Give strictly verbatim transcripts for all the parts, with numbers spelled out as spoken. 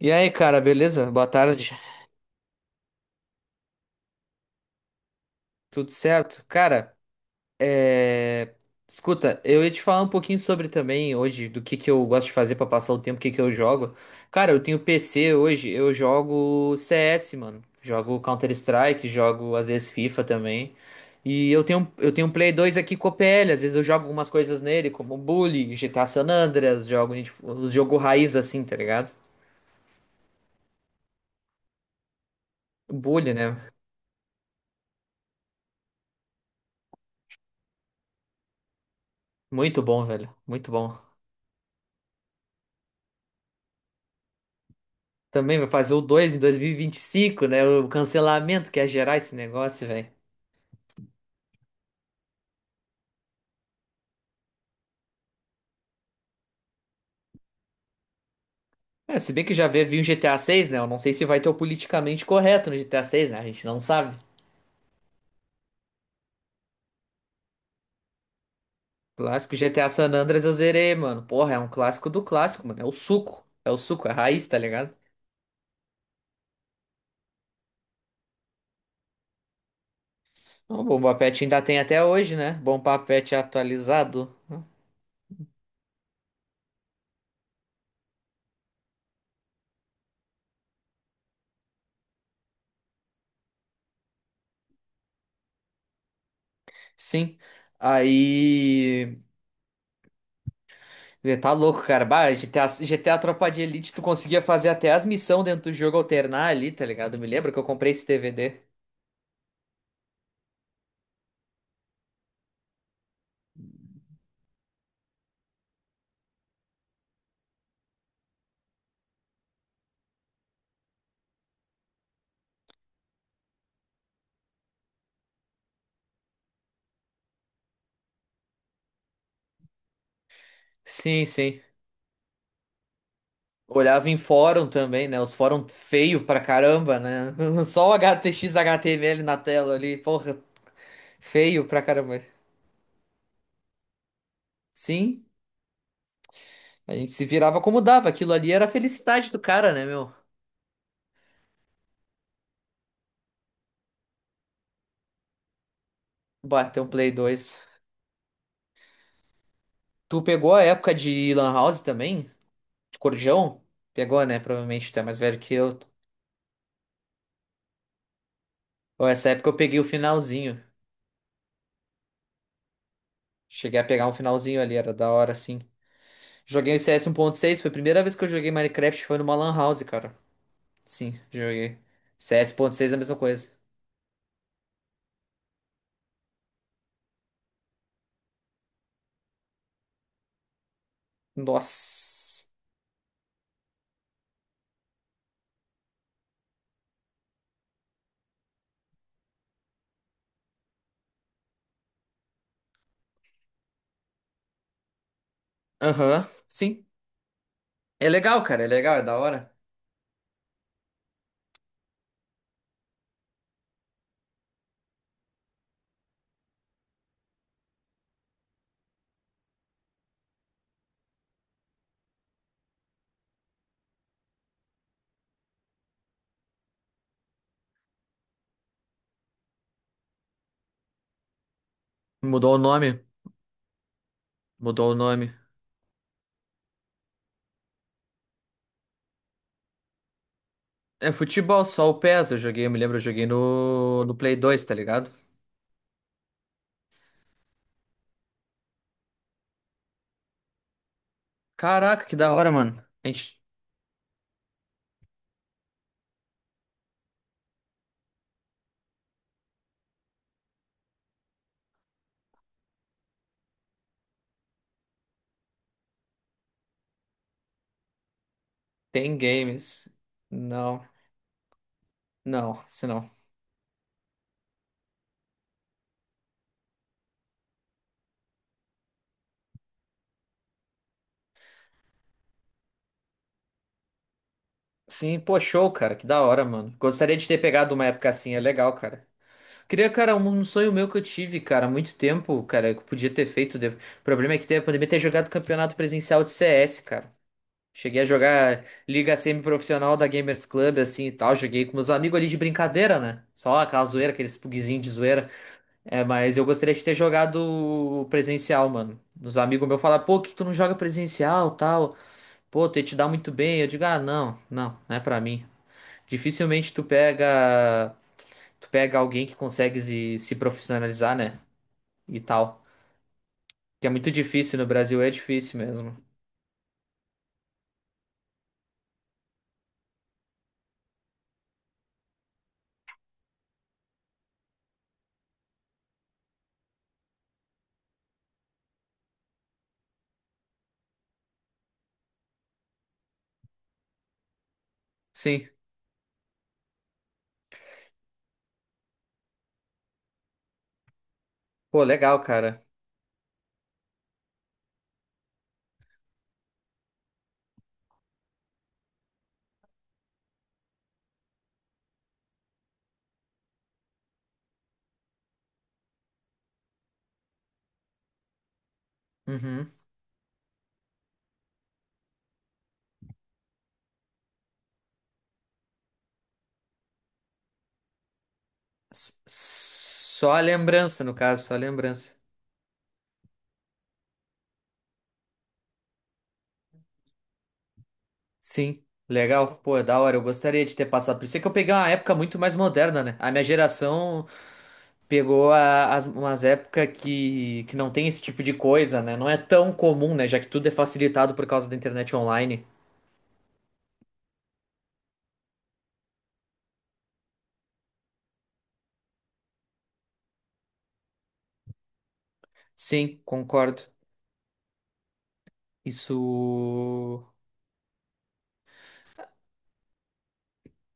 E aí, cara, beleza? Boa tarde. Tudo certo? Cara, é... escuta, eu ia te falar um pouquinho sobre também hoje do que que eu gosto de fazer pra passar o tempo, o que que eu jogo. Cara, eu tenho P C hoje, eu jogo C S, mano. Jogo Counter-Strike, jogo às vezes FIFA também. E eu tenho, eu tenho um Play dois aqui com o P L, às vezes eu jogo algumas coisas nele, como Bully, G T A San Andreas, jogo, Need- os jogo raiz assim, tá ligado? Bully, né? Muito bom, velho. Muito bom. Também vai fazer o dois em dois mil e e vinte e cinco, né? O cancelamento que ia gerar esse negócio, velho. É, se bem que já veio vir o GTA seis, né? Eu não sei se vai ter o politicamente correto no GTA seis, né? A gente não sabe. Clássico G T A San Andreas eu zerei, mano. Porra, é um clássico do clássico, mano. É o suco. É o suco, é a raiz, tá ligado? O Bomba Pet ainda tem até hoje, né? Bomba Pet atualizado. Sim. Aí. Você tá louco, cara. Bah, GTA, G T A Tropa de Elite, tu conseguia fazer até as missões dentro do jogo alternar ali, tá ligado? Me lembro que eu comprei esse D V D. Sim, sim. Olhava em fórum também, né? Os fórum feio pra caramba, né? Só o HTX H T M L na tela ali, porra, feio pra caramba. Sim, a gente se virava como dava. Aquilo ali era a felicidade do cara, né, meu? Bateu um Play dois. Tu pegou a época de Lan House também? De Corujão? Pegou, né? Provavelmente tu é mais velho que eu. Bom, essa época eu peguei o finalzinho. Cheguei a pegar um finalzinho ali, era da hora, sim. Joguei o C S seis foi a primeira vez que eu joguei Minecraft, foi numa Lan House, cara. Sim, joguei. C S um ponto seis é a mesma coisa. Nossa. Aham, sim. É legal, cara, é legal, é da hora. Mudou o nome, mudou o nome. É futebol, só o PES eu joguei, eu me lembro, eu joguei no, no Play dois tá ligado? Caraca, que da hora, mano. A gente tem games. Não, não, isso não. Sim, pô, show, cara. Que da hora, mano. Gostaria de ter pegado uma época assim, é legal, cara. Queria, cara, um um sonho meu que eu tive, cara, há muito tempo, cara, que eu podia ter feito. de- O problema é que teve a pandemia ter jogado campeonato presencial de C S, cara. Cheguei a jogar liga semi-profissional da Gamers Club, assim e tal. Joguei com meus amigos ali de brincadeira, né? Só aquela zoeira, aqueles pugzinhos de zoeira. É, mas eu gostaria de ter jogado presencial, mano. Os amigos meus falam, pô, por que tu não joga presencial, tal. Pô, tu ia te dar muito bem. Eu digo, ah, não, não, não é pra mim. Dificilmente tu pega, tu pega alguém que consegue se, se profissionalizar, né? E tal. Que é muito difícil no Brasil, é difícil mesmo. Sim. Pô, legal, cara. Uhum. S- Só a lembrança, no caso, só a lembrança. Sim. Legal, pô, é da hora. Eu gostaria de ter passado por isso. É que eu peguei uma época muito mais moderna, né? A minha geração pegou a- as, umas épocas que, que não tem esse tipo de coisa, né? Não é tão comum, né? Já que tudo é facilitado por causa da internet online. Sim, concordo. Isso.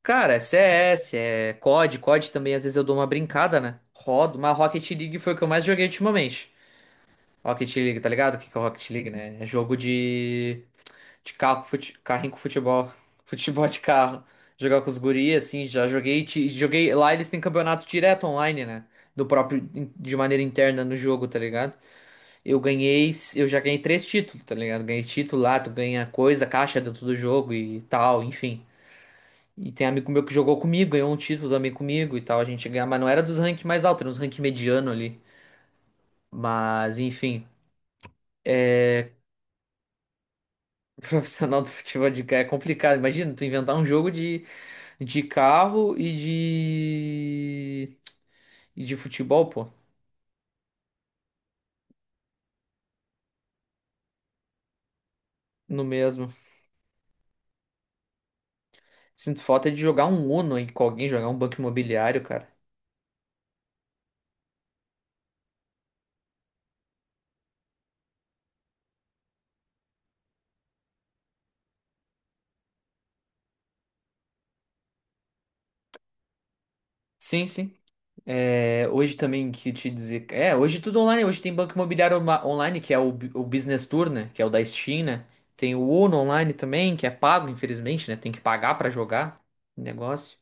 Cara, é C S é COD, COD também às vezes eu dou uma brincada, né? Rodo, mas Rocket League foi o que eu mais joguei ultimamente. Rocket League, tá ligado? O que que é Rocket League, né? É jogo de, de carro, com fute... carrinho com futebol. Futebol de carro. Jogar com os guris, assim, já joguei. ti- Joguei. Lá eles têm campeonato direto online, né? Do próprio. De maneira interna no jogo, tá ligado? Eu ganhei. Eu já ganhei três títulos, tá ligado? Ganhei título lá, tu ganha coisa, caixa dentro do jogo e tal, enfim. E tem amigo meu que jogou comigo, ganhou um título também comigo e tal. A gente ganhava, mas não era dos ranks mais altos, era uns ranking mediano ali. Mas, enfim, é profissional do futebol de carro é complicado. Imagina, tu inventar um jogo de, de carro e de, e de futebol, pô, no mesmo. Sinto falta de jogar um Uno aí com alguém, jogar um banco imobiliário, cara. Sim, sim. É, hoje também que te dizer. É, hoje tudo online. Hoje tem Banco Imobiliário ma- Online, que é o, B- o Business Tour, né? Que é o da Steam, né? Tem o Uno Online também, que é pago, infelizmente, né? Tem que pagar pra jogar o negócio.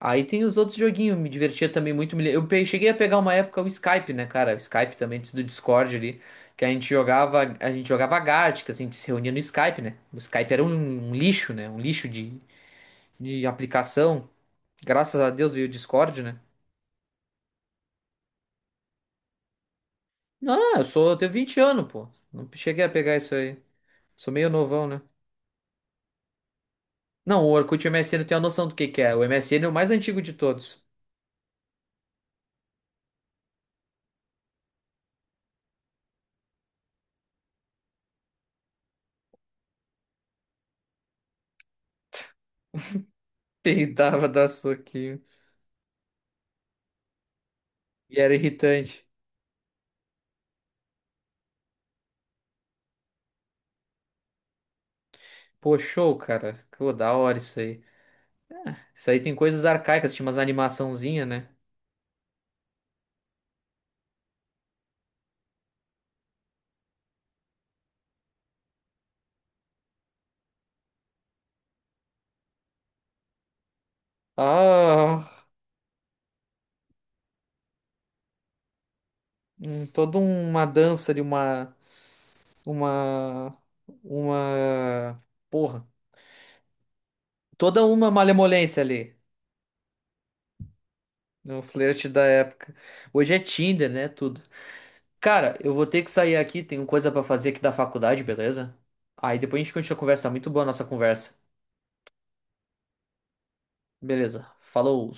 Aí tem os outros joguinhos, me divertia também muito. me le- Eu pe- cheguei a pegar uma época o Skype, né, cara? O Skype também, antes do Discord ali, que a gente jogava, a gente jogava Gartic, assim, a gente se reunia no Skype, né? O Skype era um, um lixo, né? Um lixo de, de aplicação. Graças a Deus veio o Discord, né? Não, eu sou, eu tenho vinte anos, pô. Não cheguei a pegar isso aí. Sou meio novão, né? Não, o Orkut e o M S N tem a noção do que que é. O M S M S N é o mais antigo de todos. E dava da soquinho. E era irritante. Pô, show, cara. Pô, da hora isso aí. Isso aí tem coisas arcaicas, tinha umas animaçãozinha, né? Ah, hum, toda uma dança de uma, uma, uma, porra, toda uma malemolência ali no flerte da época. Hoje é Tinder, né? Tudo. Cara, eu vou ter que sair aqui, tenho coisa pra fazer aqui da faculdade, beleza? Aí depois a gente continua a conversa. Muito boa a nossa conversa. Beleza, falou.